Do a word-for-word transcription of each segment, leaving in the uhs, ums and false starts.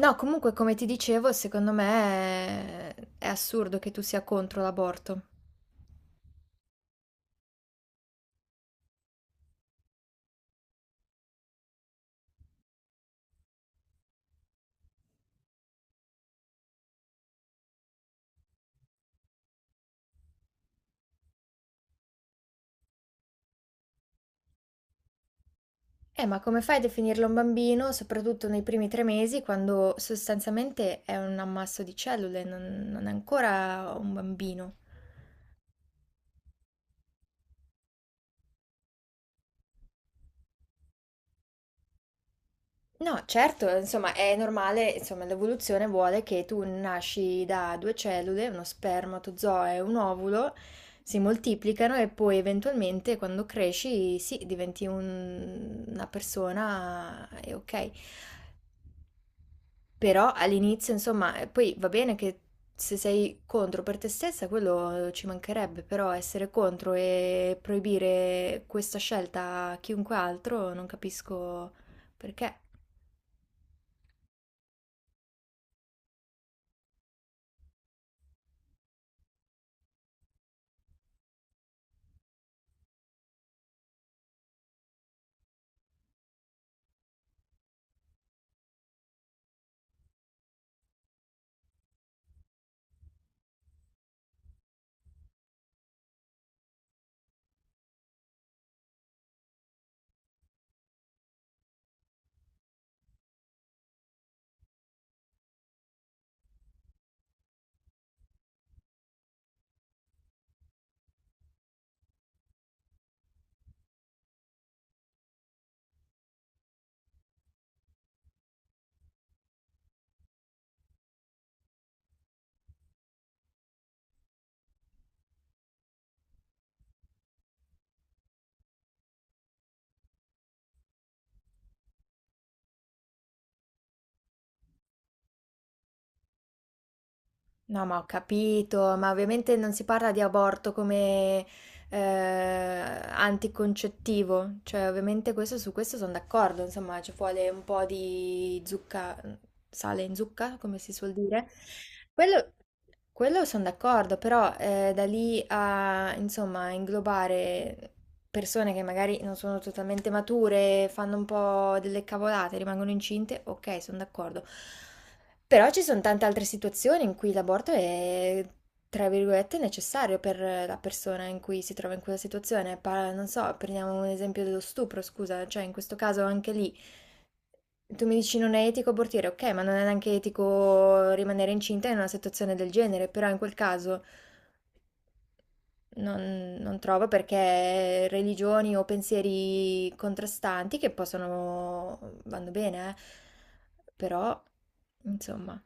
No, comunque, come ti dicevo, secondo me è, è assurdo che tu sia contro l'aborto. Eh, ma come fai a definirlo un bambino, soprattutto nei primi tre mesi, quando sostanzialmente è un ammasso di cellule, non, non è ancora un bambino? No, certo, insomma, è normale, insomma, l'evoluzione vuole che tu nasci da due cellule, uno spermatozoo e un ovulo, si moltiplicano e poi eventualmente quando cresci, sì, diventi un- una persona e ok. Però all'inizio, insomma, eh, poi va bene che, se sei contro per te stessa, quello ci mancherebbe, però essere contro e proibire questa scelta a chiunque altro, non capisco perché. No, ma ho capito, ma ovviamente non si parla di aborto come eh, anticoncettivo, cioè ovviamente questo, su questo sono d'accordo, insomma ci vuole un po' di zucca, sale in zucca, come si suol dire. Quello, quello sono d'accordo, però eh, da lì a insomma inglobare persone che magari non sono totalmente mature, fanno un po' delle cavolate, rimangono incinte, ok, sono d'accordo. Però ci sono tante altre situazioni in cui l'aborto è, tra virgolette, necessario per la persona in cui si trova in quella situazione. Pa- non so, prendiamo un esempio dello stupro, scusa, cioè in questo caso anche lì. Tu mi dici non è etico abortire, ok, ma non è neanche etico rimanere incinta in una situazione del genere, però in quel caso non, non trovo perché religioni o pensieri contrastanti che possono, vanno bene, eh, però insomma.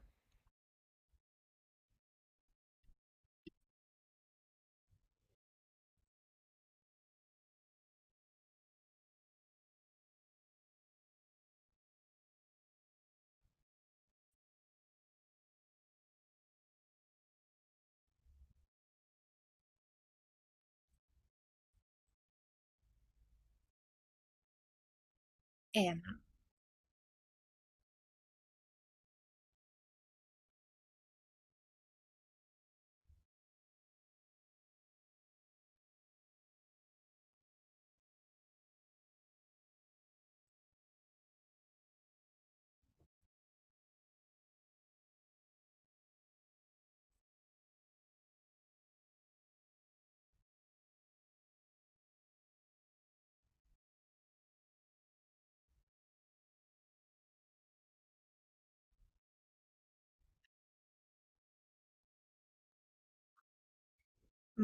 Eh,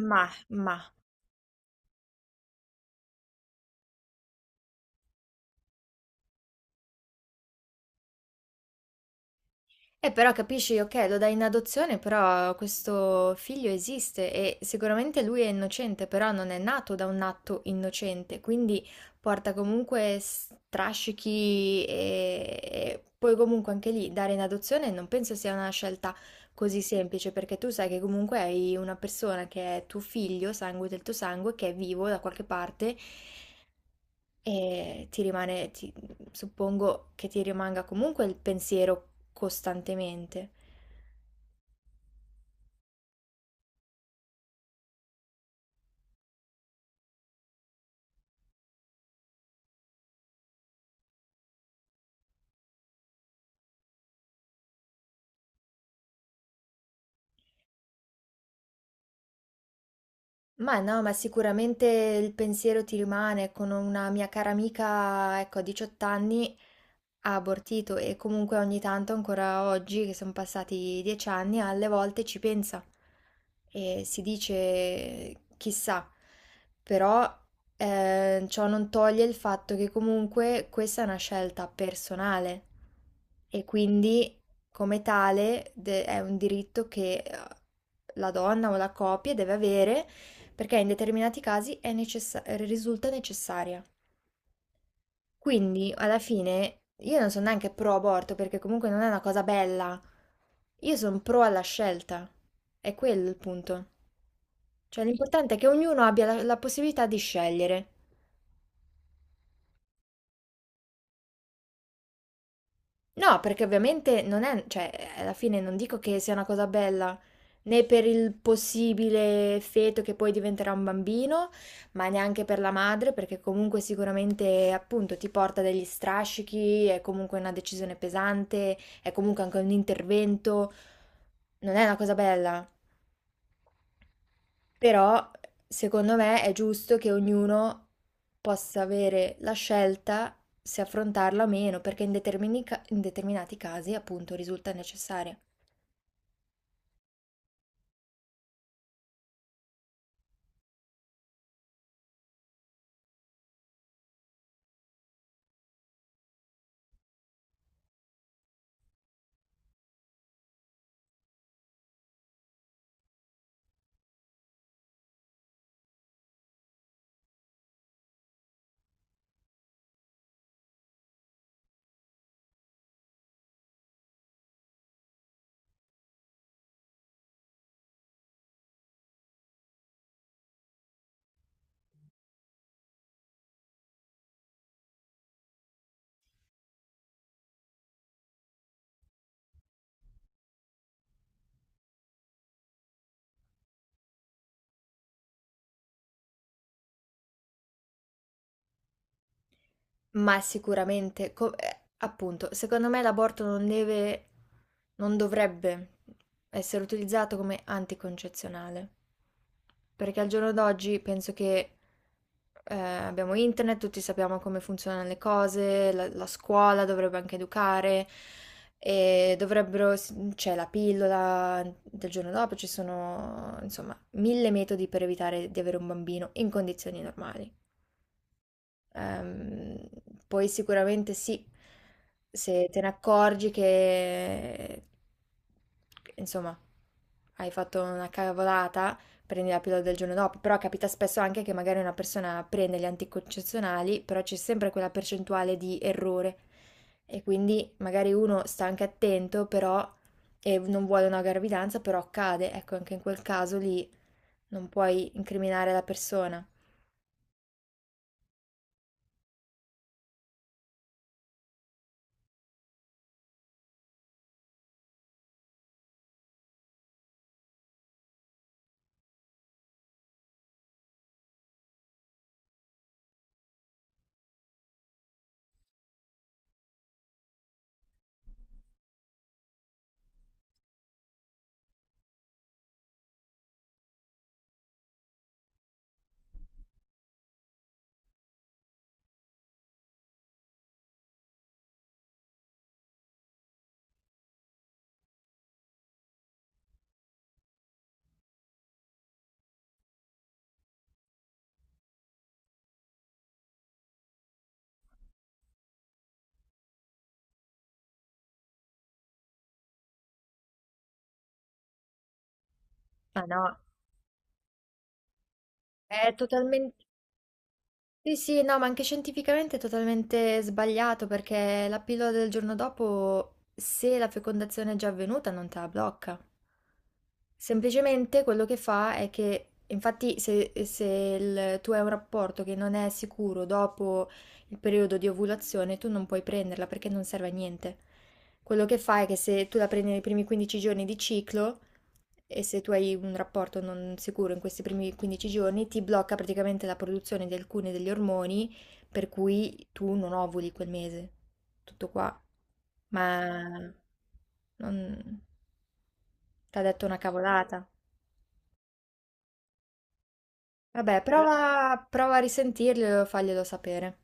Mah, mah. Eh, però capisci, ok, lo dai in adozione, però questo figlio esiste e sicuramente lui è innocente, però non è nato da un atto innocente, quindi porta comunque s- strascichi e, e poi comunque anche lì dare in adozione non penso sia una scelta così semplice, perché tu sai che comunque hai una persona che è tuo figlio, sangue del tuo sangue, che è vivo da qualche parte. E ti rimane, ti- suppongo che ti rimanga comunque il pensiero costantemente. Ma no, ma sicuramente il pensiero ti rimane. Con una mia cara amica, ecco, a diciotto anni ha abortito e comunque ogni tanto, ancora oggi, che sono passati dieci anni, alle volte ci pensa e si dice chissà, però eh, ciò non toglie il fatto che comunque questa è una scelta personale e quindi come tale de- è un diritto che eh, la donna o la coppia deve avere, perché in determinati casi è necessa- risulta necessaria. Quindi, alla fine, io non sono neanche pro aborto, perché comunque non è una cosa bella. Io sono pro alla scelta. È quello il punto. Cioè, l'importante è che ognuno abbia la, la possibilità di scegliere. No, perché ovviamente non è, cioè, alla fine non dico che sia una cosa bella, né per il possibile feto che poi diventerà un bambino, ma neanche per la madre, perché comunque sicuramente appunto ti porta degli strascichi, è comunque una decisione pesante, è comunque anche un intervento, non è una cosa bella. Però secondo me è giusto che ognuno possa avere la scelta se affrontarla o meno, perché in determini ca- in determinati casi appunto risulta necessaria. Ma sicuramente, co- eh, appunto, secondo me l'aborto non deve, non dovrebbe essere utilizzato come anticoncezionale, perché al giorno d'oggi penso che, eh, abbiamo internet, tutti sappiamo come funzionano le cose, la, la scuola dovrebbe anche educare e dovrebbero, c'è la pillola del giorno dopo, ci sono insomma mille metodi per evitare di avere un bambino in condizioni normali. Ehm, Poi sicuramente sì, se te ne accorgi che, insomma, hai fatto una cavolata, prendi la pillola del giorno dopo, però capita spesso anche che magari una persona prende gli anticoncezionali, però c'è sempre quella percentuale di errore e quindi magari uno sta anche attento, però e non vuole una gravidanza, però cade, ecco, anche in quel caso lì non puoi incriminare la persona. Ah no, è totalmente... Sì, sì, no, ma anche scientificamente è totalmente sbagliato, perché la pillola del giorno dopo, se la fecondazione è già avvenuta, non te la blocca. Semplicemente quello che fa è che, infatti, se, se il- tu hai un rapporto che non è sicuro dopo il periodo di ovulazione, tu non puoi prenderla perché non serve a niente. Quello che fa è che se tu la prendi nei primi quindici giorni di ciclo, e se tu hai un rapporto non sicuro in questi primi quindici giorni, ti blocca praticamente la produzione di alcuni degli ormoni, per cui tu non ovuli quel mese. Tutto qua. Ma non... T'ha detto una cavolata. Vabbè, eh, prova, prova a risentirglielo e faglielo sapere.